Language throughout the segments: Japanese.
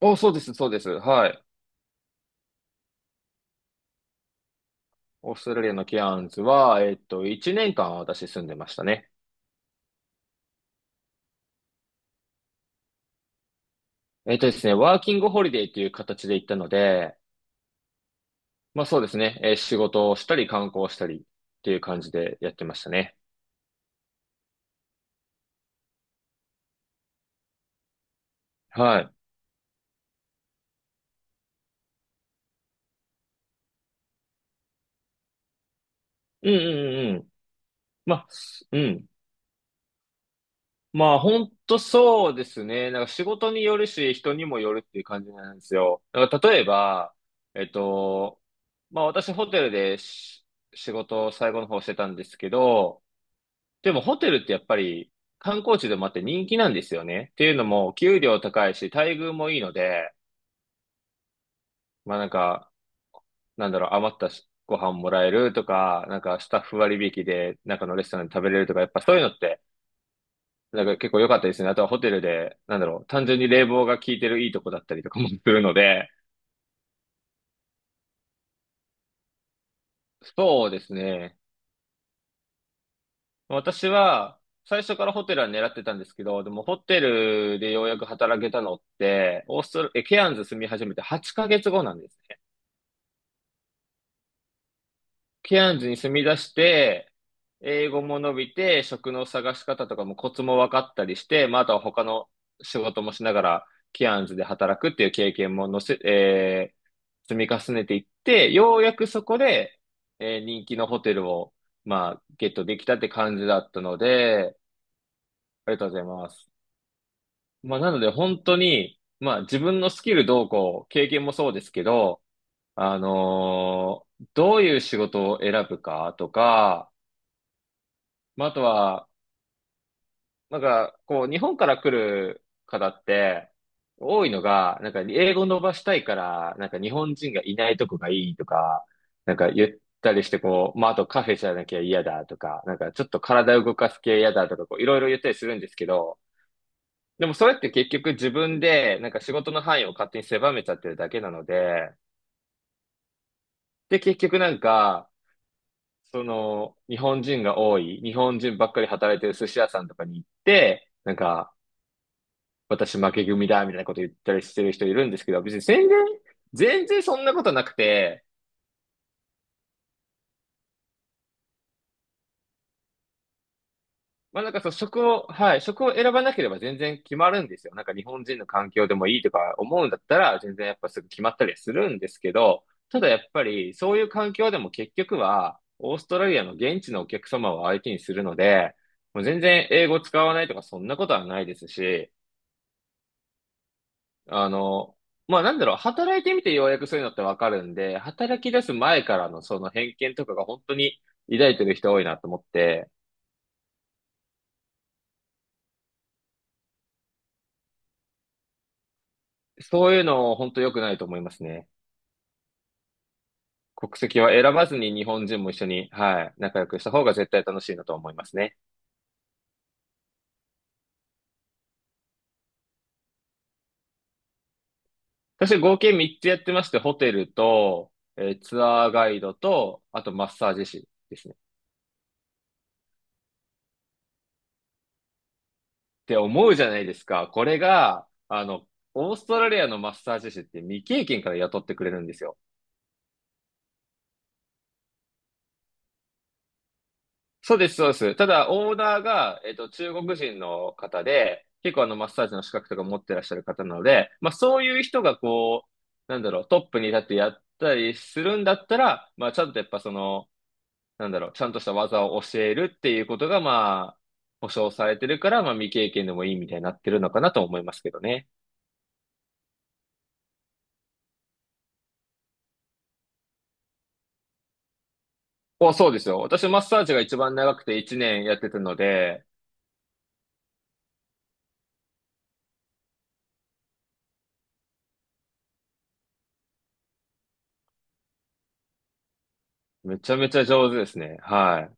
お、そうです、そうです。はい。オーストラリアのケアンズは、1年間私住んでましたね。えっとですね、ワーキングホリデーという形で行ったので、まあそうですね、仕事をしたり観光をしたりっていう感じでやってましたね。はい。うんうんうんうん。まあ、すうん。まあ本当そうですね。なんか仕事によるし、人にもよるっていう感じなんですよ。だから例えば、えっと、まあ私ホテルで仕事を最後の方してたんですけど、でもホテルってやっぱり観光地でもあって人気なんですよね。っていうのも、給料高いし、待遇もいいので、まあなんか、なんだろう、余ったしご飯もらえるとか、なんかスタッフ割引で中のレストランで食べれるとか、やっぱそういうのって、なんか結構良かったですね。あとはホテルで、なんだろう、単純に冷房が効いてるいいとこだったりとかもするので、そうですね。私は、最初からホテルは狙ってたんですけど、でもホテルでようやく働けたのって、オーストラ、え、ケアンズ住み始めて8ヶ月後なんですね。ケアンズに住み出して、英語も伸びて、職の探し方とかもコツも分かったりして、まあ、あとは他の仕事もしながら、ケアンズで働くっていう経験ものせ、えー積み重ねていって、ようやくそこで、人気のホテルを、まあ、ゲットできたって感じだったので、ありがとうございます。まあ、なので本当に、まあ、自分のスキルどうこう、経験もそうですけど、どういう仕事を選ぶかとか、まあ、あとは、なんか、こう、日本から来る方って、多いのが、なんか、英語伸ばしたいから、なんか、日本人がいないとこがいいとか、なんか、言ったりして、こう、まあ、あとカフェじゃなきゃ嫌だとか、なんか、ちょっと体動かす系嫌だとか、こう、いろいろ言ったりするんですけど、でもそれって結局自分でなんか仕事の範囲を勝手に狭めちゃってるだけなので、で結局なんか、その日本人が多い、日本人ばっかり働いてる寿司屋さんとかに行って、なんか私負け組だみたいなこと言ったりしてる人いるんですけど、別に全然、全然そんなことなくて、まあなんかそう、職を、はい、職を選ばなければ全然決まるんですよ。なんか日本人の環境でもいいとか思うんだったら、全然やっぱすぐ決まったりはするんですけど、ただやっぱりそういう環境でも結局は、オーストラリアの現地のお客様を相手にするので、もう全然英語使わないとかそんなことはないですし、あの、まあなんだろう、働いてみてようやくそういうのってわかるんで、働き出す前からのその偏見とかが本当に抱いてる人多いなと思って、そういうの本当良くないと思いますね。国籍は選ばずに日本人も一緒に、はい、仲良くした方が絶対楽しいなと思いますね。私合計3つやってまして、ホテルと、ツアーガイドと、あとマッサージ師ですね。って思うじゃないですか。これが、オーストラリアのマッサージ師って未経験から雇ってくれるんですよ。そうです、そうです。ただ、オーナーが、中国人の方で、結構マッサージの資格とか持ってらっしゃる方なので、まあ、そういう人がこう、なんだろう、トップに立ってやったりするんだったら、まあ、ちゃんとやっぱその、なんだろう、ちゃんとした技を教えるっていうことが、まあ、保証されてるから、まあ、未経験でもいいみたいになってるのかなと思いますけどね。お、そうですよ。私、マッサージが一番長くて1年やってたので、めちゃめちゃ上手ですね。はい。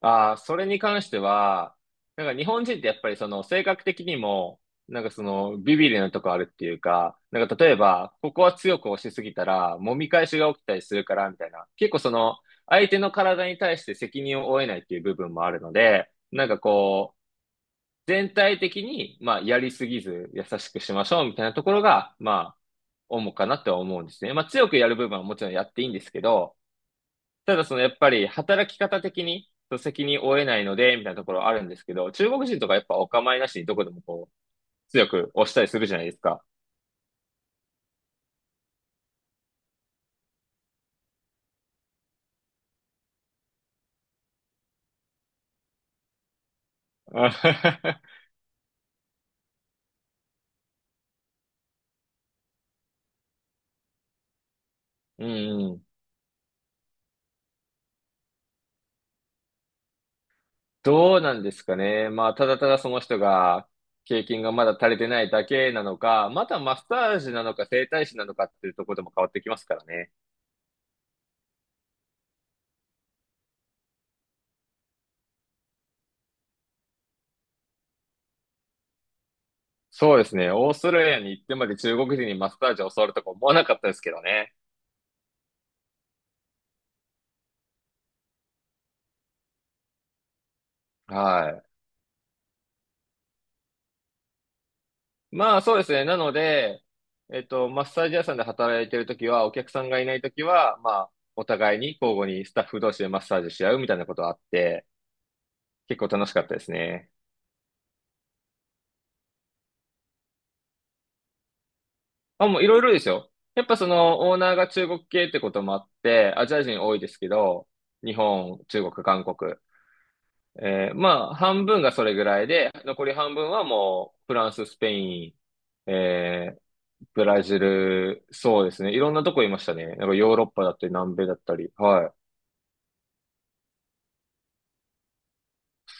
ああ、それに関しては、なんか日本人ってやっぱりその性格的にも、なんかそのビビりなとこあるっていうか、なんか例えば、ここは強く押しすぎたら、揉み返しが起きたりするから、みたいな。結構その、相手の体に対して責任を負えないっていう部分もあるので、なんかこう、全体的に、まあ、やりすぎず、優しくしましょう、みたいなところが、まあ、主かなって思うんですね。まあ、強くやる部分はもちろんやっていいんですけど、ただそのやっぱり働き方的にその責任を負えないので、みたいなところあるんですけど、中国人とかやっぱお構いなしにどこでもこう、強く押したりするじゃないですか。うんうん。どうなんですかね。まあ、ただただその人が、経験がまだ足りてないだけなのか、またマッサージなのか整体師なのかっていうところでも変わってきますからね。そうですね。オーストラリアに行ってまで中国人にマッサージを教わるとか思わなかったですけどね。はい。まあそうですね。なので、マッサージ屋さんで働いてるときは、お客さんがいないときは、まあ、お互いに交互にスタッフ同士でマッサージし合うみたいなことあって、結構楽しかったですね。あ、もういろいろですよ。やっぱその、オーナーが中国系ってこともあって、アジア人多いですけど、日本、中国、韓国。まあ、半分がそれぐらいで、残り半分はもう、フランス、スペイン、えーブラジル、そうですね。いろんなとこいましたね。なんかヨーロッパだったり、南米だったり。はい。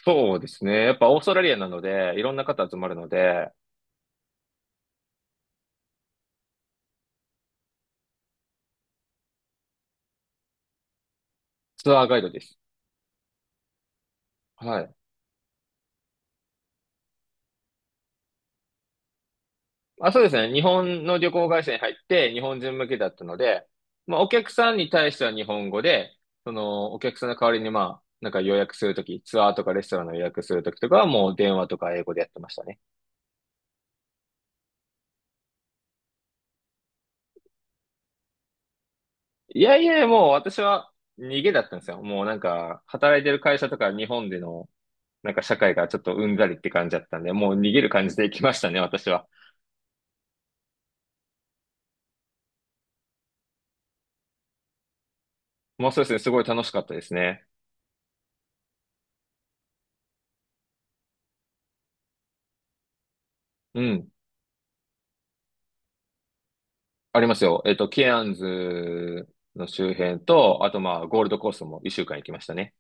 そうですね。やっぱオーストラリアなので、いろんな方集まるので、ツアーガイドです。はい。あ、そうですね。日本の旅行会社に入って、日本人向けだったので、まあ、お客さんに対しては日本語で、その、お客さんの代わりに、まあ、なんか予約するとき、ツアーとかレストランの予約するときとかは、もう電話とか英語でやってましたね。いやいや、もう私は逃げだったんですよ。もうなんか、働いてる会社とか日本での、なんか社会がちょっとうんざりって感じだったんで、もう逃げる感じで行きましたね、私は。もうそうですね、すごい楽しかったですね。うん。ありますよ。ケアンズの周辺と、あとまあ、ゴールドコーストも一週間行きましたね。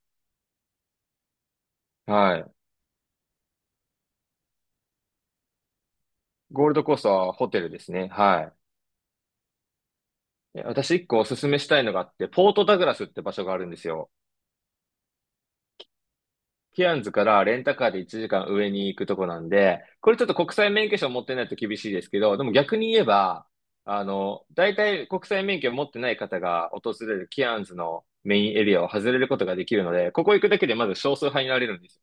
はい。ゴールドコーストはホテルですね。はい。え私一個おすすめしたいのがあって、ポートダグラスって場所があるんですよ。ケアンズからレンタカーで1時間上に行くとこなんで、これちょっと国際免許証持ってないと厳しいですけど、でも逆に言えば、大体国際免許を持ってない方が訪れるケアンズのメインエリアを外れることができるので、ここ行くだけでまず少数派になれるんですよ。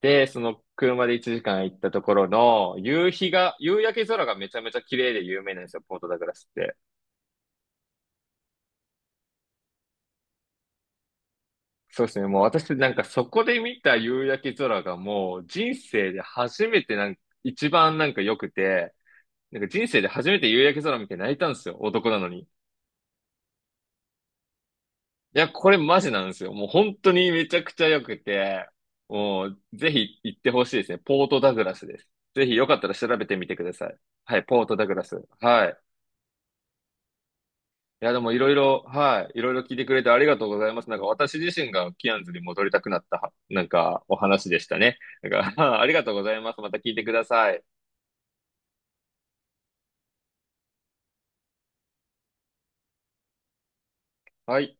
で、その車で1時間行ったところの、夕日が、夕焼け空がめちゃめちゃ綺麗で有名なんですよ、ポートダグラスって。そうですね、もう私なんかそこで見た夕焼け空がもう人生で初めてなんか、一番なんか良くて、なんか人生で初めて夕焼け空見て泣いたんですよ、男なのに。いや、これマジなんですよ。もう本当にめちゃくちゃ良くて、もうぜひ行ってほしいですね。ポートダグラスです。ぜひよかったら調べてみてください。はい、ポートダグラス。はい。いや、でもいろいろ、はい、いろいろ聞いてくれてありがとうございます。なんか私自身がキアンズに戻りたくなった、なんかお話でしたね。なんか ありがとうございます。また聞いてください。はい。